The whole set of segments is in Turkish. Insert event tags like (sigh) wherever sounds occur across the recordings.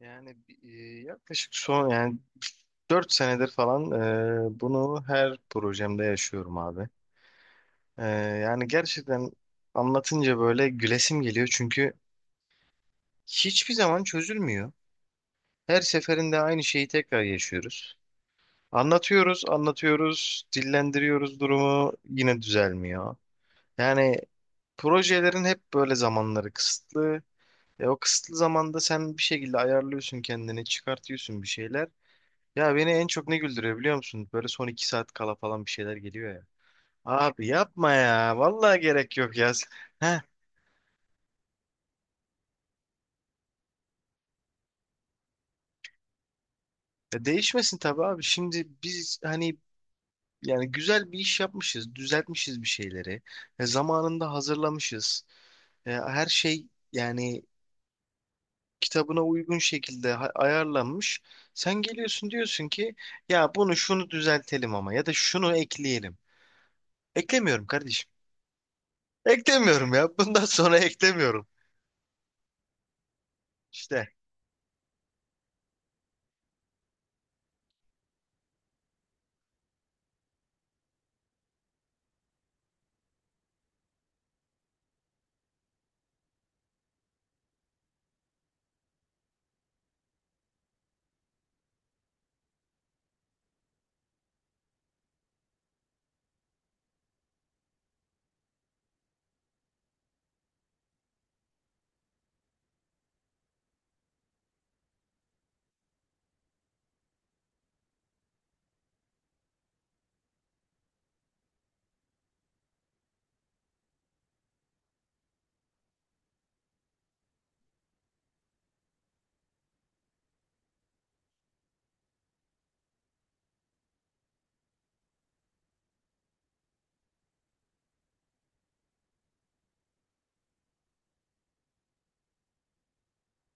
Yani e, yaklaşık son 4 senedir falan bunu her projemde yaşıyorum abi. E, Yani gerçekten anlatınca böyle gülesim geliyor çünkü hiçbir zaman çözülmüyor. Her seferinde aynı şeyi tekrar yaşıyoruz. Anlatıyoruz, anlatıyoruz, dillendiriyoruz durumu yine düzelmiyor. Yani projelerin hep böyle zamanları kısıtlı. O kısıtlı zamanda sen bir şekilde ayarlıyorsun kendini, çıkartıyorsun bir şeyler. Ya beni en çok ne güldürüyor biliyor musun? Böyle son iki saat kala falan bir şeyler geliyor ya. Abi yapma ya. Vallahi gerek yok ya. Heh, değişmesin tabii abi. Şimdi biz hani yani güzel bir iş yapmışız. Düzeltmişiz bir şeyleri. Zamanında hazırlamışız. Her şey yani kitabına uygun şekilde ayarlanmış. Sen geliyorsun diyorsun ki ya bunu şunu düzeltelim ama ya da şunu ekleyelim. Eklemiyorum kardeşim. Eklemiyorum ya. (laughs) Bundan sonra eklemiyorum. İşte.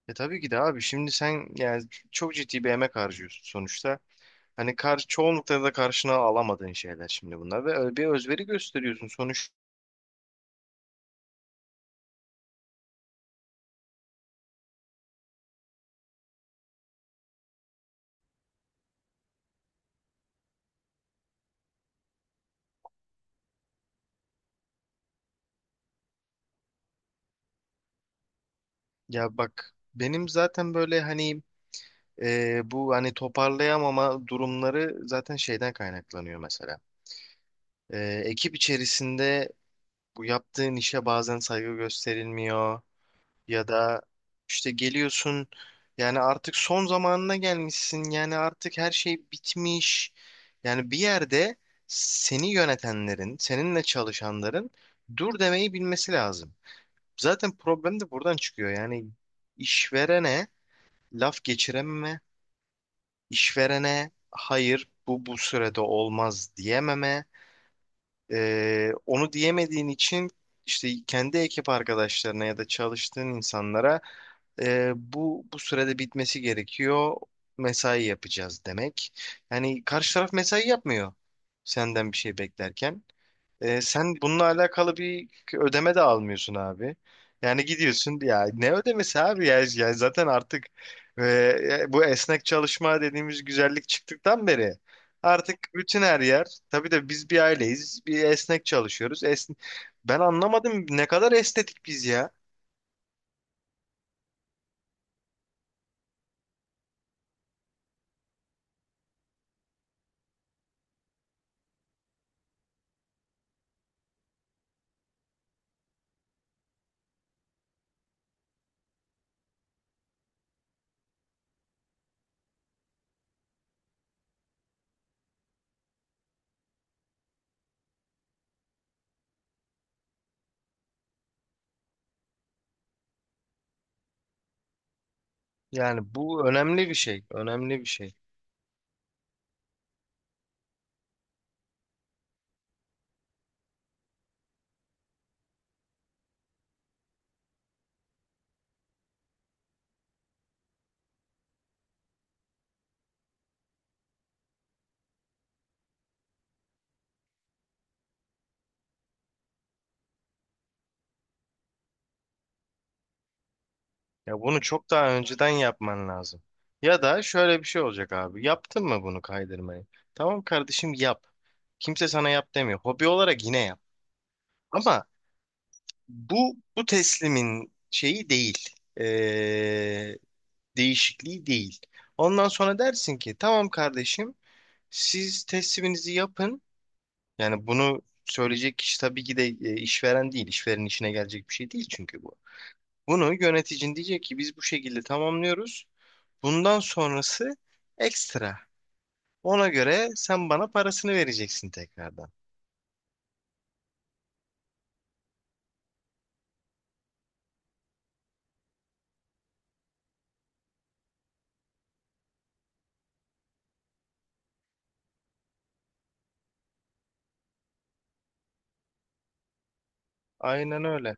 E tabii ki de abi şimdi sen yani çok ciddi bir emek harcıyorsun sonuçta. Hani kar çoğunlukla da karşına alamadığın şeyler şimdi bunlar ve öyle bir özveri gösteriyorsun sonuç. Ya bak benim zaten böyle hani bu hani toparlayamama durumları zaten şeyden kaynaklanıyor mesela. E, Ekip içerisinde bu yaptığın işe bazen saygı gösterilmiyor. Ya da işte geliyorsun yani artık son zamanına gelmişsin yani artık her şey bitmiş. Yani bir yerde seni yönetenlerin, seninle çalışanların dur demeyi bilmesi lazım. Zaten problem de buradan çıkıyor. Yani işverene laf geçirememe, işverene hayır bu sürede olmaz diyememe. Onu diyemediğin için işte kendi ekip arkadaşlarına ya da çalıştığın insanlara bu sürede bitmesi gerekiyor. Mesai yapacağız demek. Yani karşı taraf mesai yapmıyor senden bir şey beklerken. Sen bununla alakalı bir ödeme de almıyorsun abi. Yani gidiyorsun ya ne ödemesi abi ya, ya zaten artık e, bu esnek çalışma dediğimiz güzellik çıktıktan beri artık bütün her yer tabii de biz bir aileyiz bir esnek çalışıyoruz. Esn ben anlamadım ne kadar estetik biz ya. Yani bu önemli bir şey önemli bir şey. Ya bunu çok daha önceden yapman lazım. Ya da şöyle bir şey olacak abi. Yaptın mı bunu kaydırmayı? Tamam kardeşim yap. Kimse sana yap demiyor. Hobi olarak yine yap. Ama bu teslimin şeyi değil. Ee, Değişikliği değil. Ondan sonra dersin ki tamam kardeşim siz tesliminizi yapın. Yani bunu söyleyecek kişi tabii ki de işveren değil. İşverenin işine gelecek bir şey değil çünkü bu. Bunu yöneticin diyecek ki biz bu şekilde tamamlıyoruz. Bundan sonrası ekstra. Ona göre sen bana parasını vereceksin tekrardan. Aynen öyle.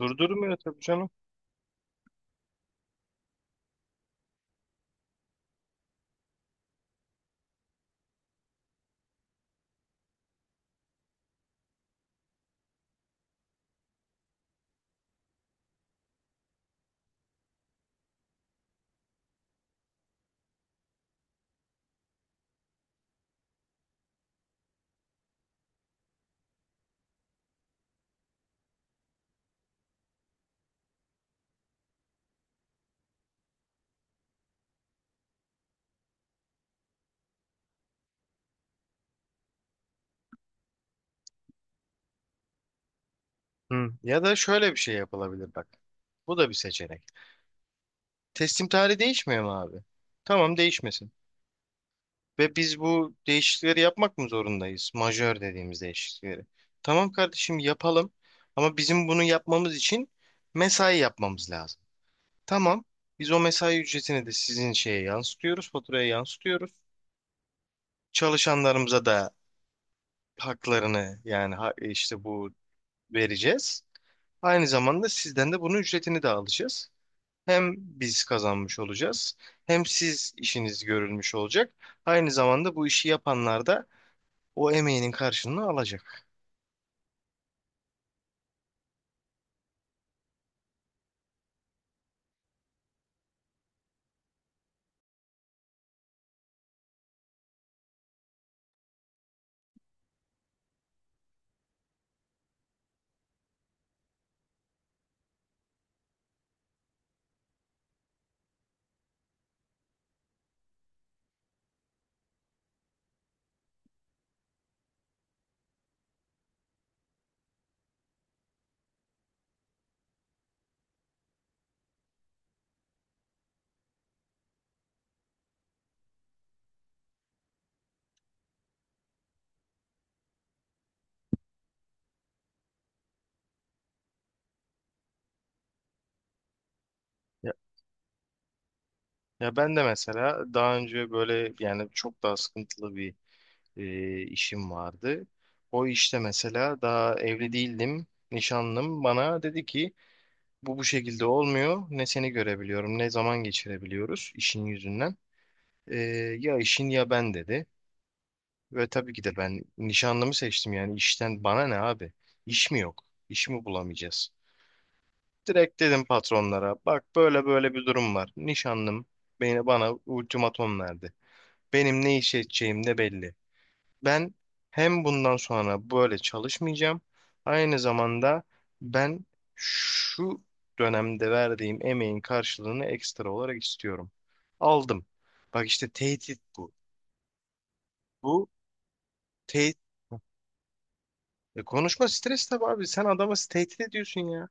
Durdurmuyor tabii canım. Hı. Ya da şöyle bir şey yapılabilir bak. Bu da bir seçenek. Teslim tarihi değişmiyor mu abi? Tamam değişmesin. Ve biz bu değişiklikleri yapmak mı zorundayız? Majör dediğimiz değişiklikleri. Tamam kardeşim yapalım. Ama bizim bunu yapmamız için mesai yapmamız lazım. Tamam. Biz o mesai ücretini de sizin şeye yansıtıyoruz, faturaya yansıtıyoruz. Çalışanlarımıza da haklarını yani işte bu vereceğiz. Aynı zamanda sizden de bunun ücretini de alacağız. Hem biz kazanmış olacağız, hem siz işiniz görülmüş olacak. Aynı zamanda bu işi yapanlar da o emeğinin karşılığını alacak. Ya, ya ben de mesela daha önce böyle yani çok daha sıkıntılı bir işim vardı. O işte mesela daha evli değildim, nişanlım bana dedi ki bu şekilde olmuyor. Ne seni görebiliyorum, ne zaman geçirebiliyoruz işin yüzünden. E, Ya işin ya ben dedi. Ve tabii ki de ben nişanlımı seçtim yani işten bana ne abi? İş mi yok? İş mi bulamayacağız? Direkt dedim patronlara bak böyle böyle bir durum var. Nişanlım bana ultimatom verdi. Benim ne iş edeceğim de belli. Ben hem bundan sonra böyle çalışmayacağım. Aynı zamanda ben şu dönemde verdiğim emeğin karşılığını ekstra olarak istiyorum. Aldım. Bak işte tehdit bu. Bu tehdit. E konuşma stres tabii abi. Sen adamı tehdit ediyorsun ya.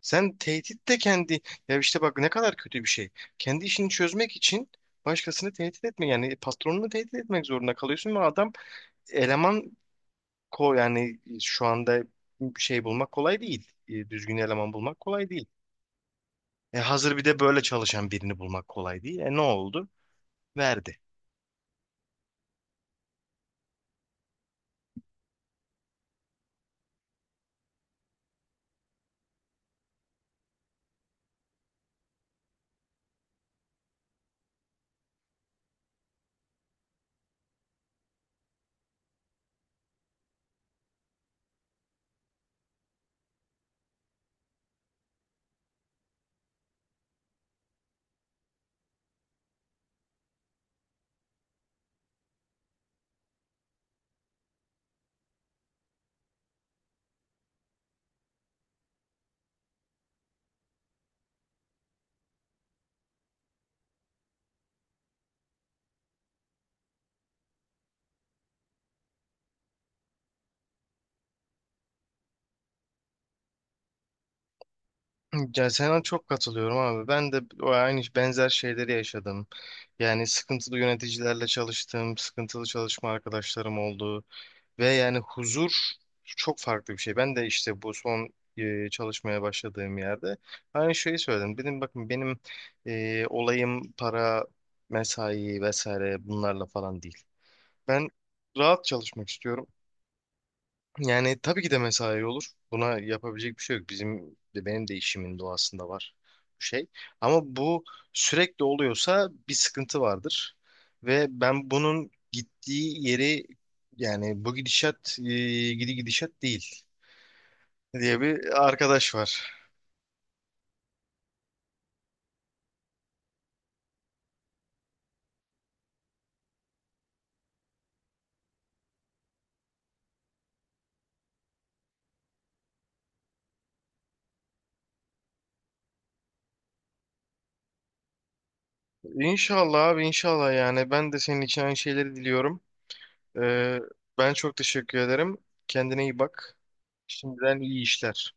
Sen tehdit de kendi. Ya işte bak ne kadar kötü bir şey. Kendi işini çözmek için başkasını tehdit etme. Yani patronunu tehdit etmek zorunda kalıyorsun ve adam eleman ko yani şu anda şey bulmak kolay değil. Düzgün eleman bulmak kolay değil. Hazır bir de böyle çalışan birini bulmak kolay değil. E ne oldu? Verdi. Ya sana çok katılıyorum abi. Ben de o aynı benzer şeyleri yaşadım. Yani sıkıntılı yöneticilerle çalıştım, sıkıntılı çalışma arkadaşlarım oldu. Ve yani huzur çok farklı bir şey. Ben de işte bu son çalışmaya başladığım yerde aynı şeyi söyledim. Dedim bakın benim olayım para, mesai vesaire bunlarla falan değil. Ben rahat çalışmak istiyorum. Yani tabii ki de mesai olur. Buna yapabilecek bir şey yok. Bizim de benim de işimin doğasında var bu şey. Ama bu sürekli oluyorsa bir sıkıntı vardır. Ve ben bunun gittiği yeri yani bu gidişat gidişat değil diye bir arkadaş var. İnşallah abi inşallah yani ben de senin için aynı şeyleri diliyorum. Ee, Ben çok teşekkür ederim. Kendine iyi bak. Şimdiden iyi işler.